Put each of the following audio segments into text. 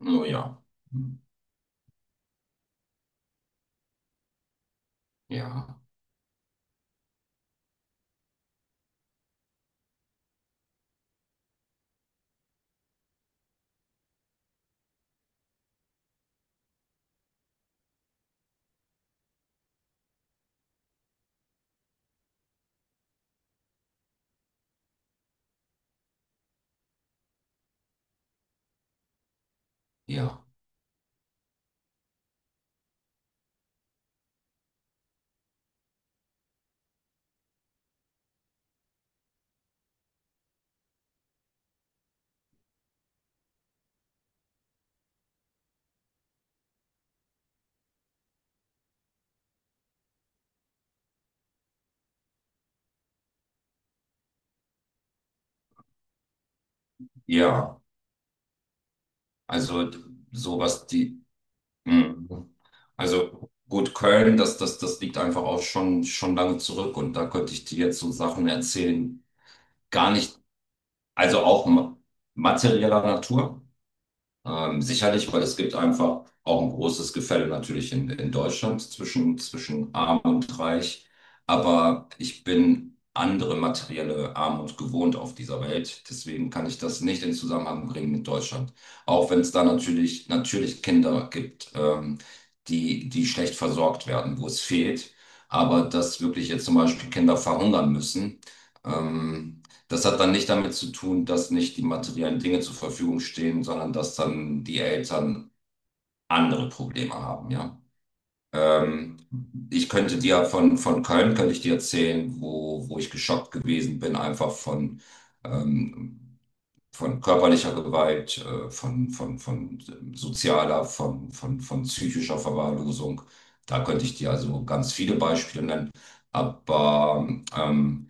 Oh ja. Hm. Ja, ja, ja. Also, sowas, die, hm. Also gut, Köln, das liegt einfach auch schon lange zurück, und da könnte ich dir jetzt so Sachen erzählen. Gar nicht, also auch materieller Natur. Sicherlich, weil es gibt einfach auch ein großes Gefälle natürlich in Deutschland zwischen arm und reich. Aber ich bin andere materielle Armut gewohnt auf dieser Welt. Deswegen kann ich das nicht in Zusammenhang bringen mit Deutschland. Auch wenn es da natürlich Kinder gibt, die schlecht versorgt werden, wo es fehlt. Aber dass wirklich jetzt zum Beispiel Kinder verhungern müssen, ähm, das hat dann nicht damit zu tun, dass nicht die materiellen Dinge zur Verfügung stehen, sondern dass dann die Eltern andere Probleme haben, ja. Ähm, Ich könnte dir von Köln, könnte ich dir erzählen, wo ich geschockt gewesen bin, einfach ähm, von körperlicher Gewalt, von sozialer, von psychischer Verwahrlosung. Da könnte ich dir also ganz viele Beispiele nennen. Aber ähm,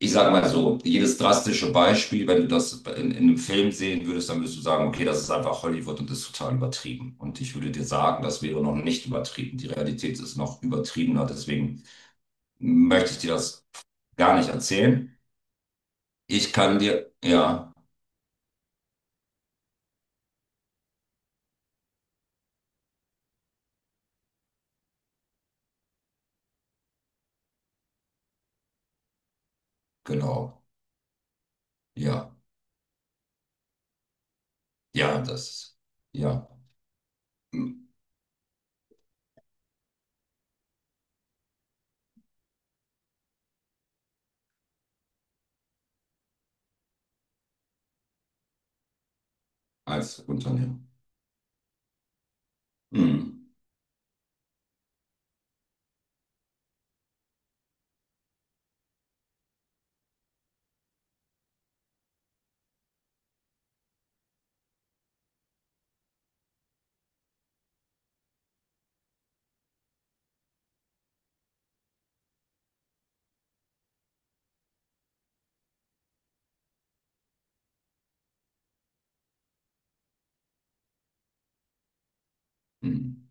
ich sag mal so, jedes drastische Beispiel, wenn du das in einem Film sehen würdest, dann würdest du sagen, okay, das ist einfach Hollywood und das ist total übertrieben. Und ich würde dir sagen, das wäre noch nicht übertrieben. Die Realität ist noch übertriebener, deswegen möchte ich dir das gar nicht erzählen. Ich kann dir, ja, genau, ja, ja, das, ja, mm, als Unternehmen. Mm. Mm.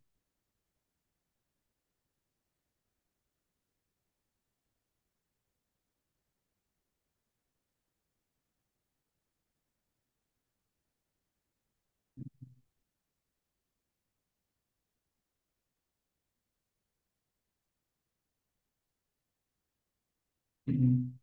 Mm.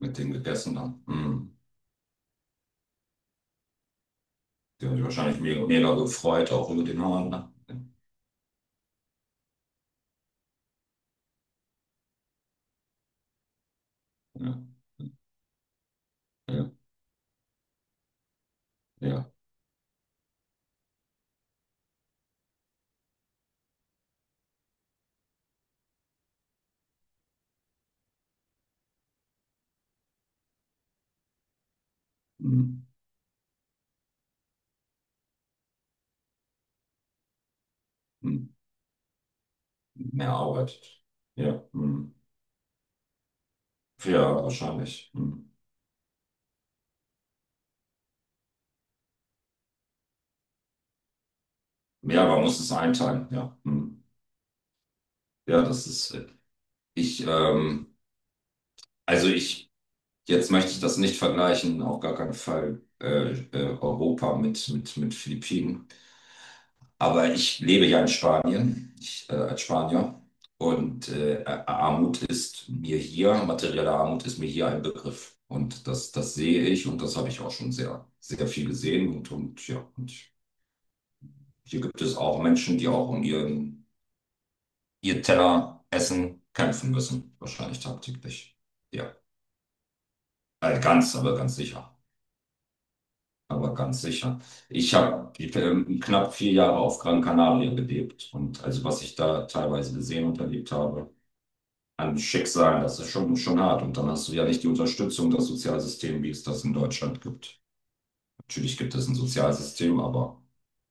Mit dem gegessen dann. Mm. Der hat sich wahrscheinlich mega, mega gefreut, auch über den Hahn. Ne? Ja, ja, ja. Ja. Hm, hm. Mehr arbeitet. Ja, hm. Ja, wahrscheinlich. Hm. Ja, man muss es einteilen. Ja, hm. Ja, das ist, ich, also ich, jetzt möchte ich das nicht vergleichen, auf gar keinen Fall, Europa mit Philippinen. Aber ich lebe ja in Spanien, ich, als Spanier. Und Armut ist mir hier, materielle Armut ist mir hier ein Begriff. Und das sehe ich, und das habe ich auch schon sehr, sehr viel gesehen. Und ja, und hier gibt es auch Menschen, die auch um ihren, ihr Teller Essen kämpfen müssen, wahrscheinlich tagtäglich. Ja, ganz, aber ganz sicher. Aber ganz sicher. Ich habe knapp 4 Jahre auf Gran Canaria gelebt, und also was ich da teilweise gesehen und erlebt habe, ein Schicksal, das ist schon hart. Und dann hast du ja nicht die Unterstützung des Sozialsystems, wie es das in Deutschland gibt. Natürlich gibt es ein Sozialsystem, aber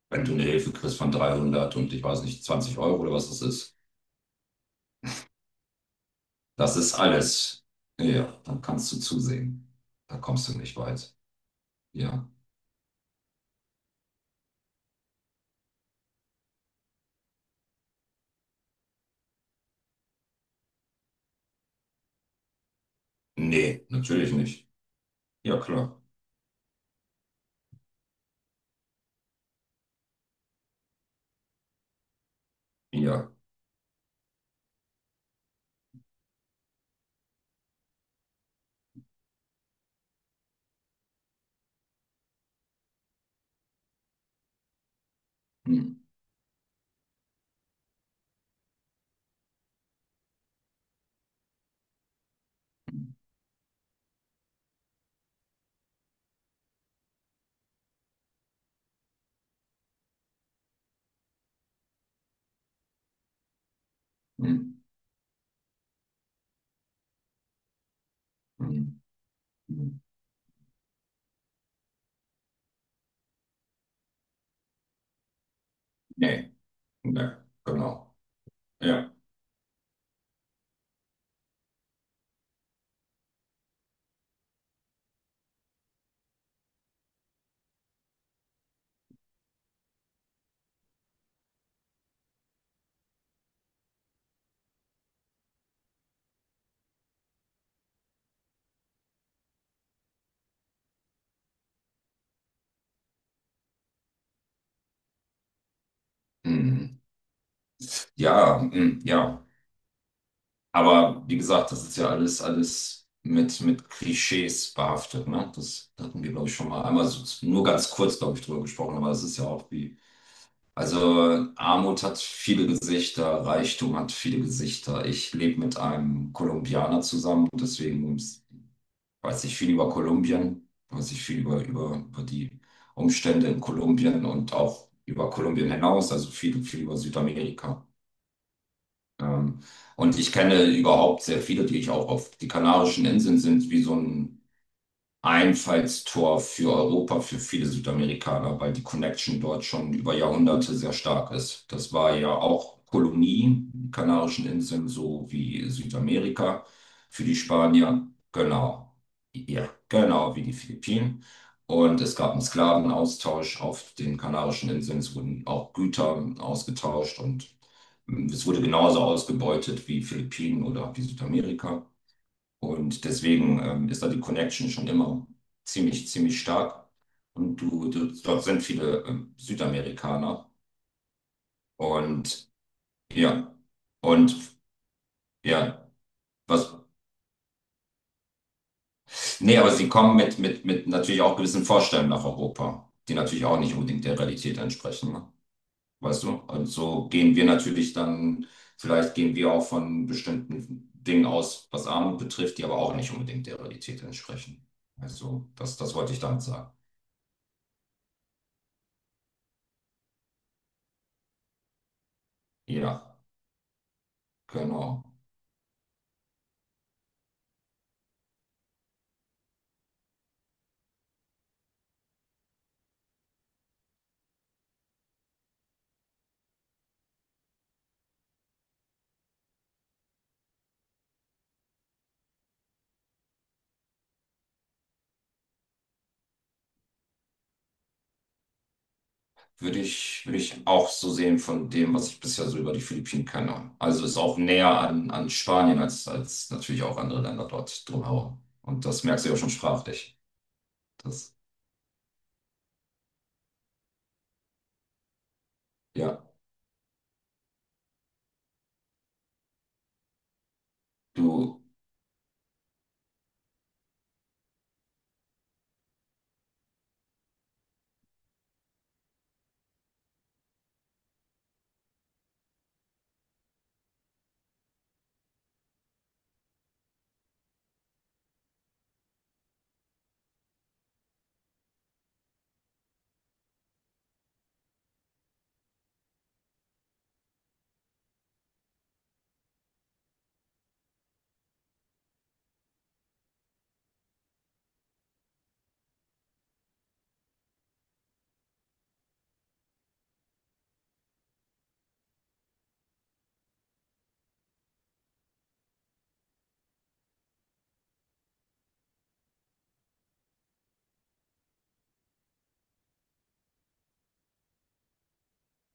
wenn du eine Hilfe kriegst von dreihundert und ich weiß nicht, zwanzig Euro oder was das ist alles. Ja, dann kannst du zusehen. Da kommst du nicht weit. Ja. Nee, natürlich nicht. Ja, klar. Ja. Hm, hm, hm, hm. Nee, nee, ne, genau. Ja. Hm. Hm. Ja, hm, ja. Aber wie gesagt, das ist ja alles, alles mit Klischees behaftet, ne? Das hatten wir, glaube ich, schon mal einmal so, nur ganz kurz, glaube ich, drüber gesprochen, aber es ist ja auch wie, also Armut hat viele Gesichter, Reichtum hat viele Gesichter. Ich lebe mit einem Kolumbianer zusammen, deswegen weiß ich viel über Kolumbien, weiß ich viel über die Umstände in Kolumbien und auch über Kolumbien hinaus, also viel, viel über Südamerika. Ähm, und ich kenne überhaupt sehr viele, die ich auch auf die Kanarischen Inseln sind, wie so ein Einfallstor für Europa, für viele Südamerikaner, weil die Connection dort schon über Jahrhunderte sehr stark ist. Das war ja auch Kolonie, die Kanarischen Inseln, so wie Südamerika für die Spanier. Genau. Ja, genau wie die Philippinen. Und es gab einen Sklavenaustausch auf den Kanarischen Inseln. Es wurden auch Güter ausgetauscht, und es wurde genauso ausgebeutet wie Philippinen oder wie Südamerika. Und deswegen ist da die Connection schon immer ziemlich, ziemlich stark. Und du, dort sind viele Südamerikaner. Und ja, und ja, was, nee, aber sie kommen mit natürlich auch gewissen Vorstellungen nach Europa, die natürlich auch nicht unbedingt der Realität entsprechen, ne? Weißt du? Und so gehen wir natürlich dann, vielleicht gehen wir auch von bestimmten Dingen aus, was Armut betrifft, die aber auch nicht unbedingt der Realität entsprechen. Also, das wollte ich damit sagen. Ja. Genau. Würde ich auch so sehen von dem, was ich bisher so über die Philippinen kenne. Also ist auch näher an Spanien als natürlich auch andere Länder dort drumherum. Und das merkst du ja schon sprachlich. Das, ja, du.